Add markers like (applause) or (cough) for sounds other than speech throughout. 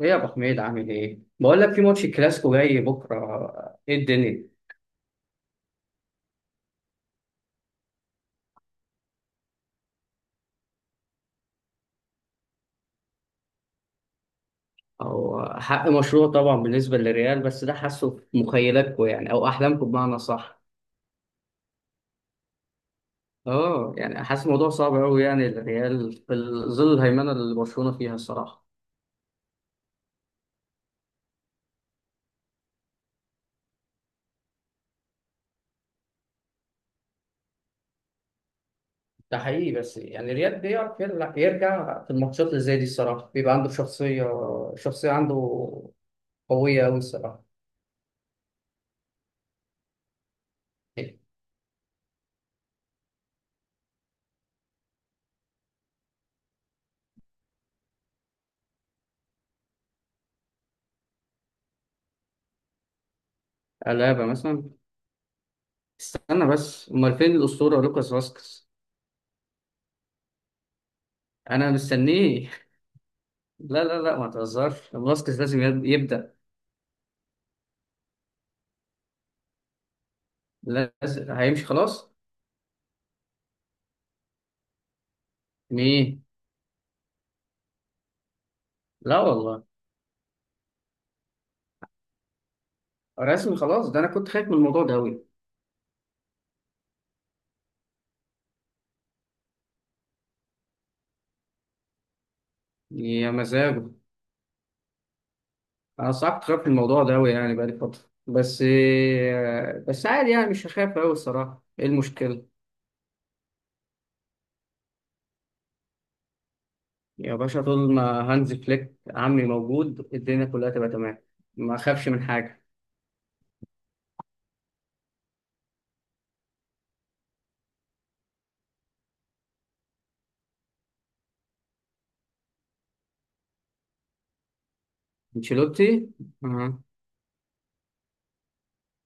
ايه يا ابو حميد عامل ايه؟ بقول لك في ماتش كلاسيكو جاي بكره، ايه الدنيا؟ او حق مشروع طبعا بالنسبه للريال، بس ده حاسه في مخيلاتكم يعني او احلامكم بمعنى صح. اه يعني حاسس الموضوع صعب قوي، يعني الريال في ظل الهيمنه اللي برشلونه فيها الصراحه. ده حقيقي، بس يعني الريال بيعرف يرجع، في الماتشات اللي زي دي الصراحه بيبقى عنده شخصيه، شخصيه عنده قويه قوي الصراحه. ألابا مثلا. استنى بس، امال فين الاسطوره لوكاس فاسكس؟ انا مستنيه. (laughs) لا لا لا ما تهزرش، فاسكيز لازم يبدأ. لازم هيمشي خلاص. مين؟ لا والله. رسمي خلاص؟ ده انا كنت خايف من الموضوع ده قوي. يا مزاجه. انا صعب، كنت خايف من الموضوع ده قوي يعني، بقالي فترة. بس بس عادي يعني، مش هخاف قوي الصراحة، ايه المشكلة؟ يا باشا، طول ما هانز فليك عمي موجود الدنيا كلها تبقى تمام، ما اخافش من حاجة. انشيلوتي،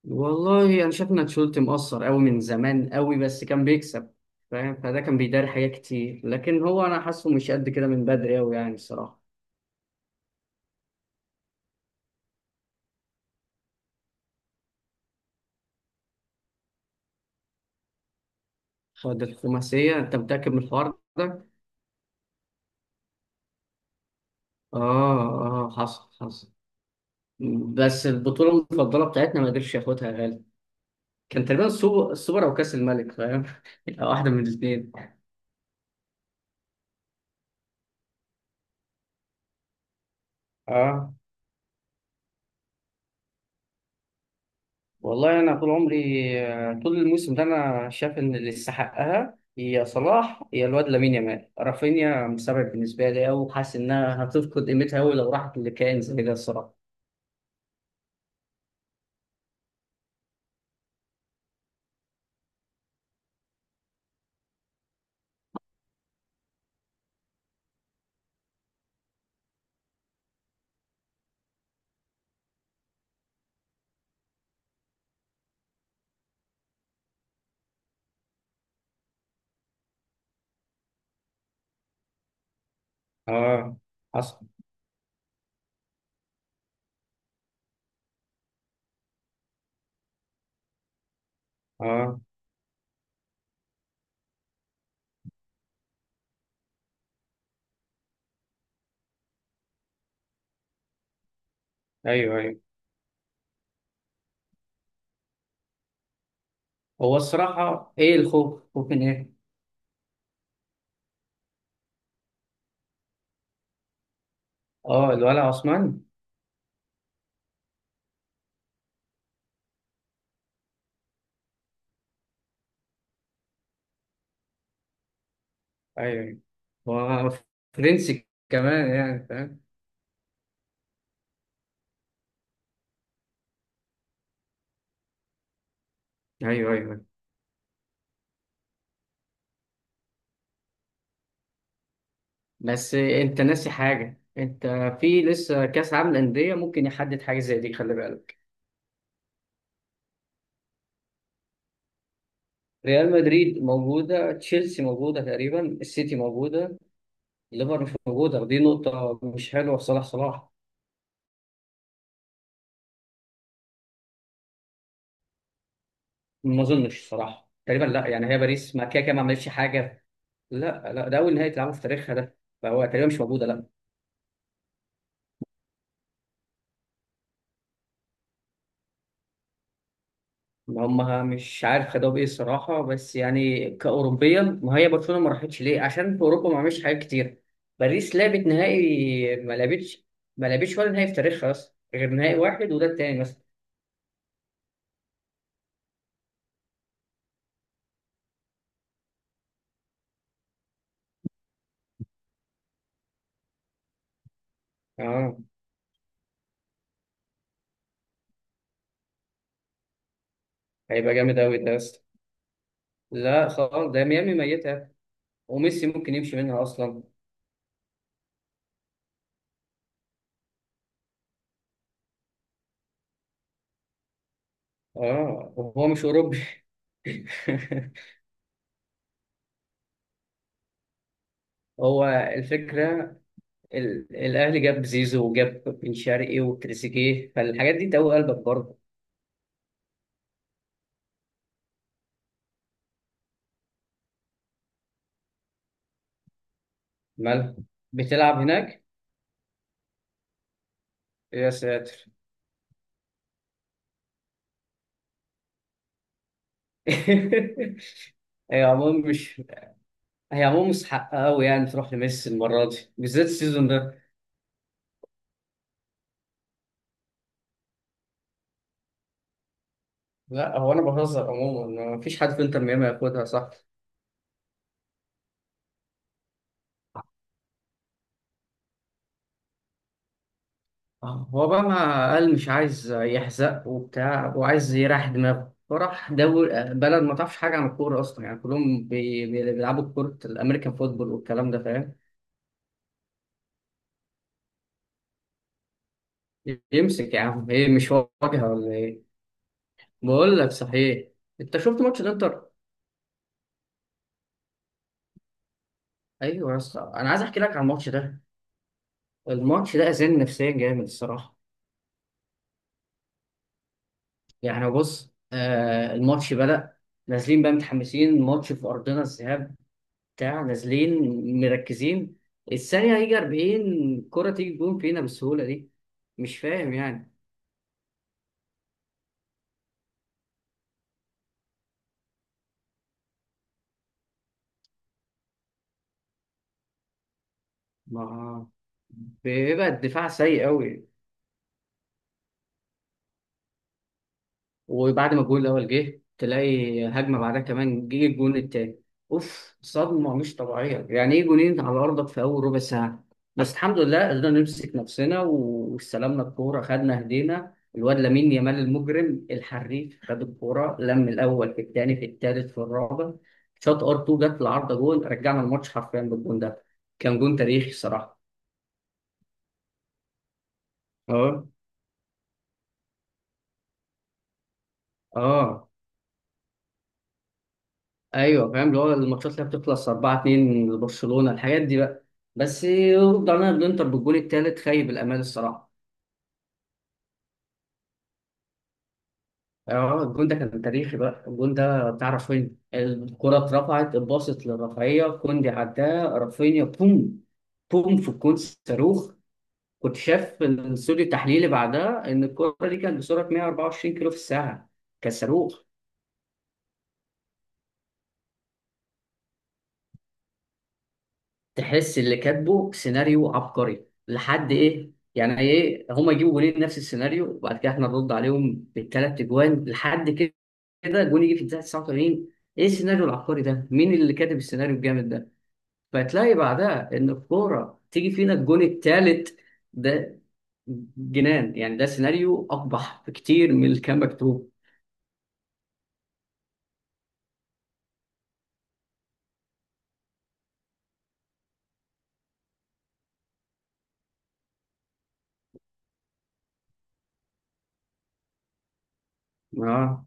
والله انا شايف ان تشولت مقصر قوي من زمان قوي، بس كان بيكسب، فاهم؟ فده كان بيداري حاجات كتير، لكن هو انا حاسه مش قد كده من بدري قوي يعني الصراحه. خد الخماسيه؟ انت متاكد من الحوار ده؟ اه. اه حصل حصل. بس البطوله المفضله بتاعتنا ما قدرش ياخدها يا غالي. كان تقريبا السوبر او كاس الملك، فاهم؟ (laughs) واحده من الاثنين. اه والله. انا طول عمري، طول الموسم ده انا شايف ان اللي يستحقها هي صلاح، هي الواد لامين يامال. رافينيا مستبعد بالنسبه لي أوي، وحاسس انها هتفقد قيمتها أوي لو راحت لكائن زي ده الصراحه. اه حصل. اه. ايوه ايوه. هو الصراحه ايه الخوف؟ خوف من ايه؟ اه الولع عثمان. ايوه ايوه. هو فرنسي كمان يعني، فاهم؟ ايوه ايوه أيوه. بس انت ناسي حاجه، انت في لسه كاس عالم للانديه ممكن يحدد حاجه زي دي، خلي بالك. ريال مدريد موجودة، تشيلسي موجودة، تقريبا السيتي موجودة. الليفر مش موجودة، دي نقطة مش حلوة في صلاح. ما أظنش صراحة، تقريبا لا. يعني هي باريس ما كده كده ما عملتش حاجة. لا لا، ده أول نهائي تلعبه في تاريخها ده، فهو تقريبا مش موجودة، لا. ما هم مش عارف خدوها بإيه الصراحة، بس يعني كأوروبيا، ما هي برشلونة ما راحتش ليه؟ عشان في أوروبا ما عملتش حاجات كتير. باريس لعبت نهائي؟ ما لعبتش ولا نهائي في تاريخها أصلا غير نهائي واحد، وده التاني مثلا. اه هيبقى جامد أوي ده. لا خالص، ده ميامي ميتة، وميسي ممكن يمشي منها أصلا. اه وهو مش أوروبي. (laughs) هو الفكرة، الأهلي جاب زيزو وجاب بن شرقي وتريزيجيه، فالحاجات دي تقوي قلبك برضه. مالها؟ بتلعب هناك. يا ساتر. (laughs) هي عموما مش، هي عموما مستحقة أوي يعني تروح لميسي المرة دي بالذات، السيزون ده. لا هو أنا بهزر، عموما مفيش حد في إنتر ميامي هياخدها، صح؟ هو بقى ما قال مش عايز يحزق وبتاع، وعايز يريح دماغه فراح دول. بلد ما تعرفش حاجة عن الكورة أصلا، يعني كلهم بيلعبوا كورة الأمريكان فوتبول والكلام ده، فاهم؟ يمسك يا عم، إيه مش واجهة ولا إيه؟ بقول لك صحيح، أنت شفت ماتش الإنتر؟ أيوه يا اسطى، أنا عايز أحكي لك عن الماتش ده. الماتش ده أذاني نفسيا جامد الصراحة. يعني بص، آه الماتش بدأ، نازلين بقى متحمسين، ماتش في أرضنا الذهاب بتاع، نازلين مركزين، الثانية هيجي 40 كرة تيجي جون فينا بالسهولة دي، مش فاهم يعني. ما بيبقى الدفاع سيء أوي. وبعد ما الجون الاول جه، تلاقي هجمه بعدها كمان جه الجون التاني. اوف، صدمه مش طبيعيه، يعني ايه جونين على ارضك في اول ربع ساعه؟ بس الحمد لله قدرنا نمسك نفسنا واستلمنا الكوره. خدنا هدينا الواد لامين يامال المجرم الحريف، خد الكوره لم الاول في الثاني في الثالث في الرابع، شاط ار 2 جت العارضه، جون، رجعنا الماتش حرفيا بالجون ده. كان جون تاريخي الصراحه. اه. اه ايوه فاهم، اللي هو الماتشات اللي بتخلص 4-2 لبرشلونه الحاجات دي بقى. بس رجعنا الانتر بالجون الثالث، خيب الامال الصراحه. اه الجون ده كان تاريخي بقى. الجون ده بتاع رافينيا، الكره اترفعت، اتباصت للرفعيه كوندي، عداه رافينيا بوم، بوم في الجون، صاروخ. كنت شاف الاستوديو التحليلي بعدها ان الكره دي كانت بسرعه 124 كيلو في الساعه، كان صاروخ. تحس اللي كاتبه سيناريو عبقري لحد ايه، يعني ايه هما يجيبوا جولين نفس السيناريو، وبعد كده احنا نرد عليهم بالثلاث اجوان لحد كده، جون يجي في الدقيقه 89؟ ايه السيناريو العبقري ده، مين اللي كاتب السيناريو الجامد ده؟ فتلاقي بعدها ان الكوره تيجي فينا الجون الثالث ده، جنان يعني. ده سيناريو اقبح بكتير من اللي كان مكتوب. اه.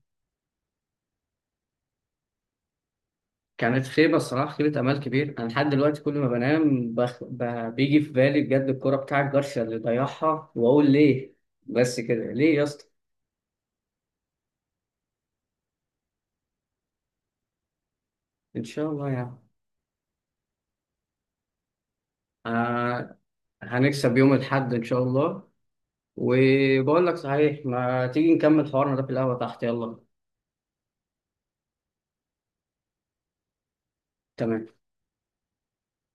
كانت خيبة الصراحة، خيبة أمل كبير. أنا لحد دلوقتي كل ما بنام بيجي في بالي بجد الكرة بتاعت جارسيا اللي ضيعها، وأقول ليه؟ بس كده ليه يا اسطى؟ إن شاء الله يعني. آه... هنكسب يوم الأحد إن شاء الله. وبقول لك صحيح، ما تيجي نكمل حوارنا ده في القهوة تحت، يلا. تمام.